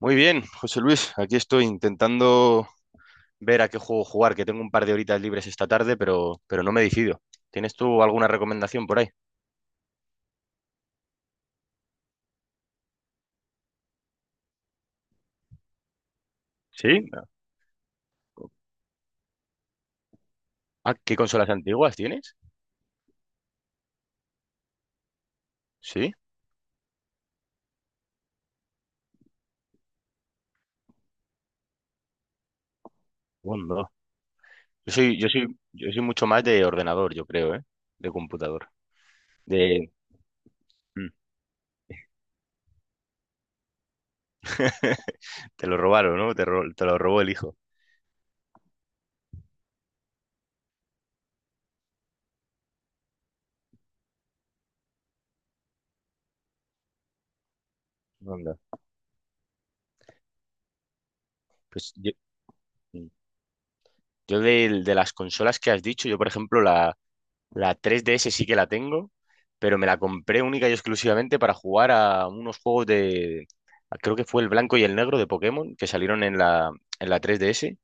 Muy bien, José Luis, aquí estoy intentando ver a qué juego jugar, que tengo un par de horitas libres esta tarde, pero no me decido. ¿Tienes tú alguna recomendación por ahí? ¿Sí? Ah, ¿qué consolas antiguas tienes? Sí. Bueno, Yo soy mucho más de ordenador, yo creo, ¿eh? De computador. De... Mm, Te lo robaron, ¿no? Te lo robó el hijo. Onda. Pues yo, mm, de las consolas que has dicho, yo por ejemplo la 3DS sí que la tengo, pero me la compré única y exclusivamente para jugar a unos juegos de. Creo que fue el blanco y el negro de Pokémon que salieron en la 3DS.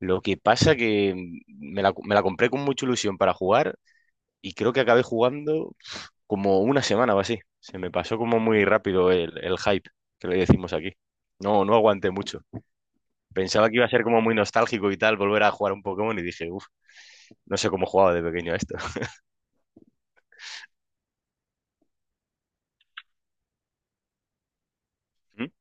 Lo que pasa que me la compré con mucha ilusión para jugar y creo que acabé jugando como una semana o así. Se me pasó como muy rápido el hype, que le decimos aquí. No, no aguanté mucho. Pensaba que iba a ser como muy nostálgico y tal, volver a jugar un Pokémon y dije, uff, no sé cómo jugaba de pequeño a esto.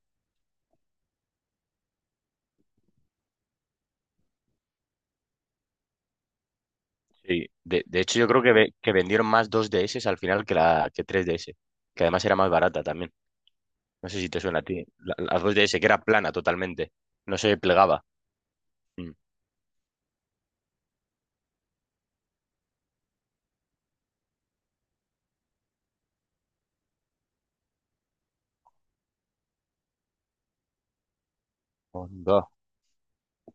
Sí, de hecho yo creo que, que vendieron más 2DS al final que la que 3DS, que además era más barata también. No sé si te suena a ti. La 2DS que era plana totalmente, no se plegaba. Mm. Onda.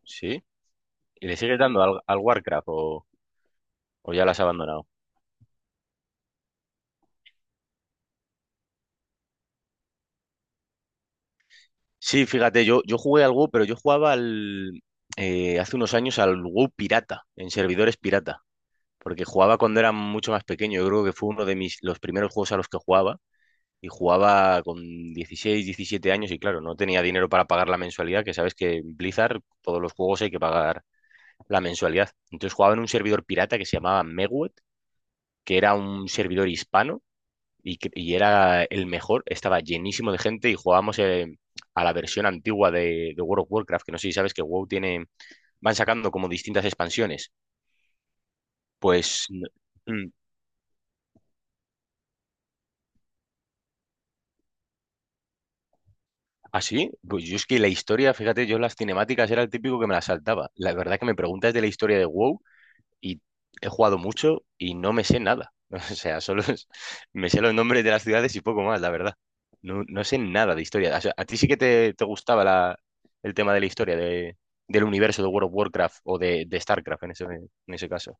¿Sí? ¿Y le sigues dando al Warcraft o ya la has abandonado? Sí, fíjate, yo jugué algo, pero yo jugaba hace unos años al WoW pirata, en servidores pirata, porque jugaba cuando era mucho más pequeño. Yo creo que fue uno de los primeros juegos a los que jugaba y jugaba con 16 17 años y claro, no tenía dinero para pagar la mensualidad, que sabes que en Blizzard todos los juegos hay que pagar la mensualidad. Entonces jugaba en un servidor pirata que se llamaba Megwet, que era un servidor hispano y era el mejor, estaba llenísimo de gente y jugábamos a la versión antigua de World of Warcraft, que no sé si sabes que WoW tiene, van sacando como distintas expansiones. Pues, mm, ¿Así? Pues yo es que la historia, fíjate, yo las cinemáticas era el típico que me las saltaba. La verdad que me preguntas de la historia de WoW y he jugado mucho y no me sé nada. O sea, solo me sé los nombres de las ciudades y poco más, la verdad. No, no sé nada de historia. O sea, a ti sí que te gustaba el tema de la historia del universo de World of Warcraft o de StarCraft en ese caso.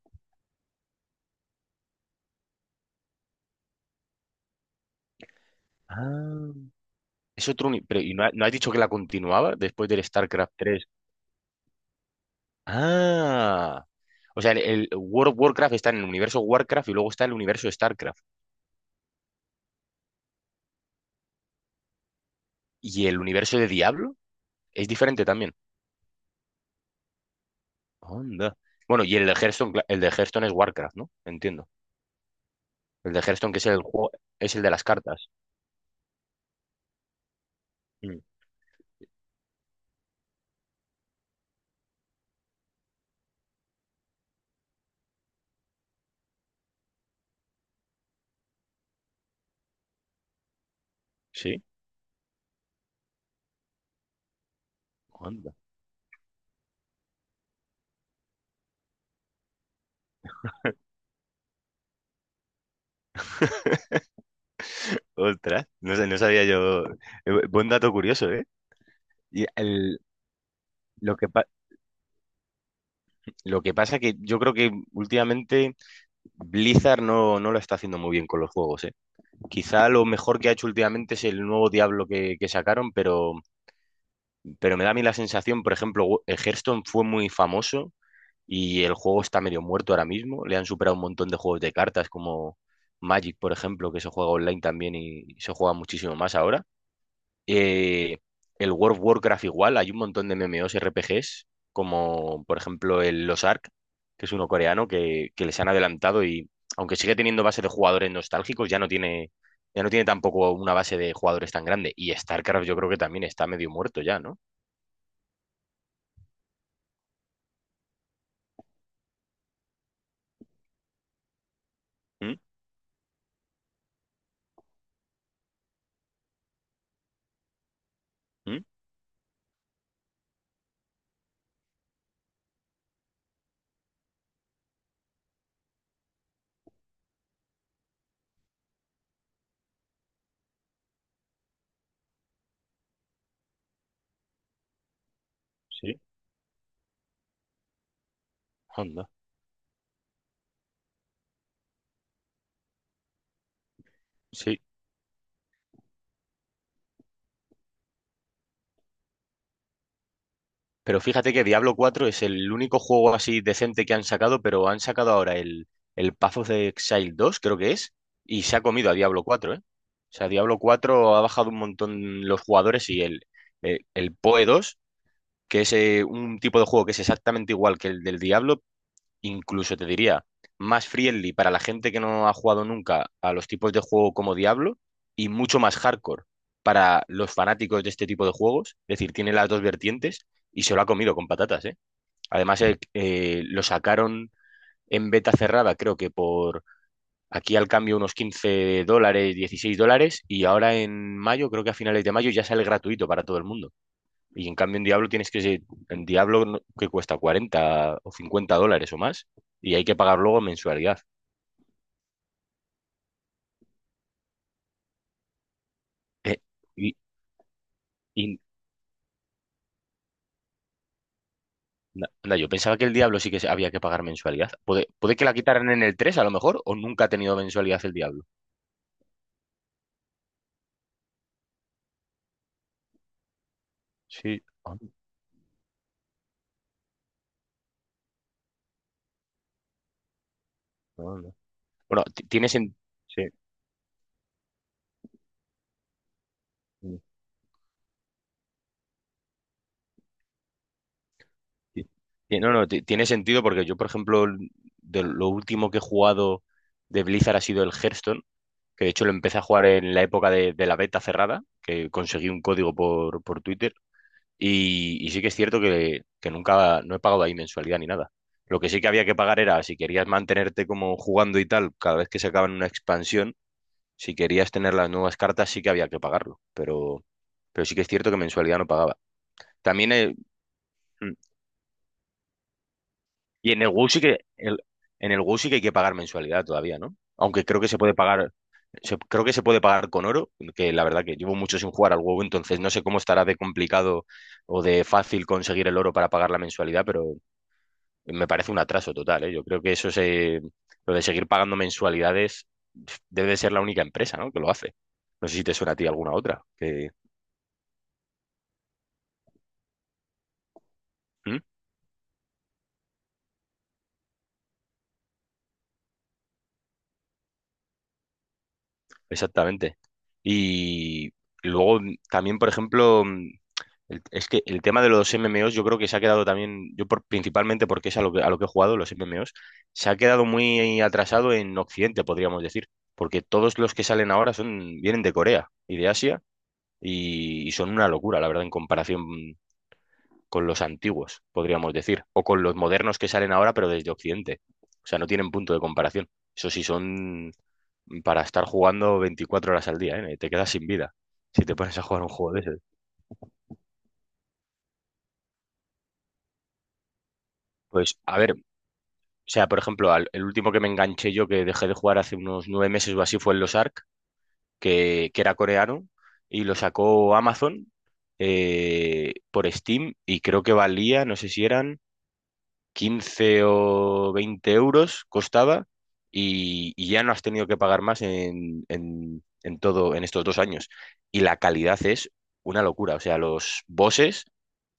Ah, es otro. Pero, ¿y no has dicho que la continuaba después del StarCraft tres? Ah. O sea, el World of Warcraft está en el universo Warcraft y luego está el universo StarCraft. ¿Y el universo de Diablo? Es diferente también. Onda. Bueno, y el de Hearthstone, el de Hearthstone es Warcraft, ¿no? Entiendo. El de Hearthstone que es el juego, es el de las cartas. Mm. Sí, onda. Ostras, no sabía yo. Buen dato curioso, ¿eh? Y el- lo que pa- lo que pasa que yo creo que últimamente Blizzard no, no lo está haciendo muy bien con los juegos, ¿eh? Quizá lo mejor que ha hecho últimamente es el nuevo Diablo que sacaron, pero me da a mí la sensación, por ejemplo, Hearthstone fue muy famoso y el juego está medio muerto ahora mismo. Le han superado un montón de juegos de cartas como Magic, por ejemplo, que se juega online también y se juega muchísimo más ahora. Eh, el World of Warcraft igual, hay un montón de MMOs RPGs, como por ejemplo el Los Ark, que es uno coreano, que les han adelantado y aunque sigue teniendo base de jugadores nostálgicos, ya no tiene. Ya no tiene tampoco una base de jugadores tan grande. Y StarCraft yo creo que también está medio muerto ya, ¿no? ¿Mm? ¿Mm? Sí, anda. Sí. Pero fíjate que Diablo 4 es el único juego así decente que han sacado, pero han sacado ahora el Path of the Exile 2, creo que es, y se ha comido a Diablo 4, ¿eh? O sea, Diablo 4 ha bajado un montón los jugadores y el PoE 2, que es un tipo de juego que es exactamente igual que el del Diablo, incluso te diría, más friendly para la gente que no ha jugado nunca a los tipos de juego como Diablo y mucho más hardcore para los fanáticos de este tipo de juegos. Es decir, tiene las dos vertientes y se lo ha comido con patatas, ¿eh? Además, lo sacaron en beta cerrada, creo que por aquí al cambio unos $15, $16 y ahora en mayo, creo que a finales de mayo ya sale gratuito para todo el mundo. Y en cambio en Diablo tienes que ser, en Diablo no- que cuesta 40 o 50 dólares o más y hay que pagar luego mensualidad. Eh, y, y anda, yo pensaba que el Diablo sí que había que pagar mensualidad. Puede que la quitaran en el 3 a lo mejor o nunca ha tenido mensualidad el Diablo. Sí. Ah, no, no. Bueno, sí, sí, sí. Sí, no, no, tiene sentido porque yo, por ejemplo, de lo último que he jugado de Blizzard ha sido el Hearthstone que de hecho lo empecé a jugar en la época de la beta cerrada, que conseguí un código por Twitter, y sí que es cierto que nunca, no he pagado ahí mensualidad ni nada. Lo que sí que había que pagar era, si querías mantenerte como jugando y tal, cada vez que sacaban una expansión, si querías tener las nuevas cartas, sí que había que pagarlo, pero sí que es cierto que mensualidad no pagaba. También, mm, y en el WoW sí que hay que pagar mensualidad todavía, ¿no? Aunque creo que se puede pagar con oro, que la verdad que llevo mucho sin jugar al huevo, entonces no sé cómo estará de complicado o de fácil conseguir el oro para pagar la mensualidad, pero me parece un atraso total, ¿eh? Yo creo que lo de seguir pagando mensualidades debe de ser la única empresa, ¿no?, que lo hace. No sé si te suena a ti alguna otra. Que, ¿Mm? Exactamente. Y luego también, por ejemplo, es que el tema de los MMOs yo creo que se ha quedado también, yo principalmente porque es a lo que, he jugado, los MMOs, se ha quedado muy atrasado en Occidente, podríamos decir, porque todos los que salen ahora vienen de Corea y de Asia y son una locura, la verdad, en comparación con los antiguos, podríamos decir, o con los modernos que salen ahora, pero desde Occidente. O sea, no tienen punto de comparación. Eso sí, son para estar jugando 24 horas al día, ¿eh? Te quedas sin vida si te pones a jugar un juego de ese. Pues, a ver, o sea, por ejemplo, el último que me enganché yo, que dejé de jugar hace unos 9 meses o así, fue el Los Ark, que era coreano, y lo sacó Amazon por Steam, y creo que valía, no sé si eran 15 o 20 euros, costaba, y ya no has tenido que pagar más en, en todo, en estos 2 años. Y la calidad es una locura, o sea, los bosses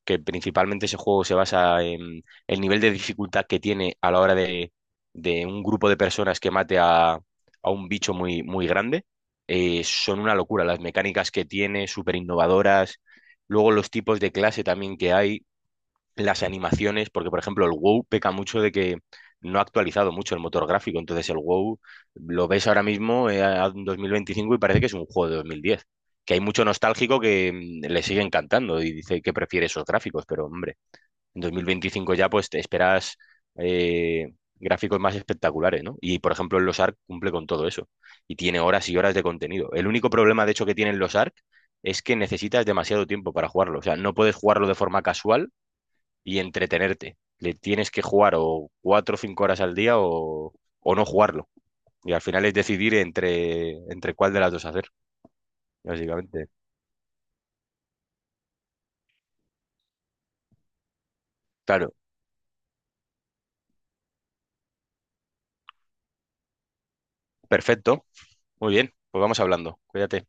que principalmente ese juego se basa en el nivel de dificultad que tiene a la hora de un grupo de personas que mate a un bicho muy, muy grande, son una locura. Las mecánicas que tiene, súper innovadoras. Luego los tipos de clase también que hay las animaciones, porque por ejemplo el WoW peca mucho de que no ha actualizado mucho el motor gráfico, entonces el WoW lo ves ahora mismo en 2025 y parece que es un juego de 2010, que hay mucho nostálgico que le sigue encantando y dice que prefiere esos gráficos, pero hombre, en 2025 ya pues te esperas eh, gráficos más espectaculares, ¿no? Y por ejemplo los Ark cumple con todo eso y tiene horas y horas de contenido. El único problema de hecho que tienen los Ark es que necesitas demasiado tiempo para jugarlo, o sea, no puedes jugarlo de forma casual y entretenerte. Le tienes que jugar o 4 o 5 horas al día o no jugarlo. Y al final es decidir entre cuál de las dos hacer, básicamente. Claro, perfecto. Muy bien, pues vamos hablando. Cuídate.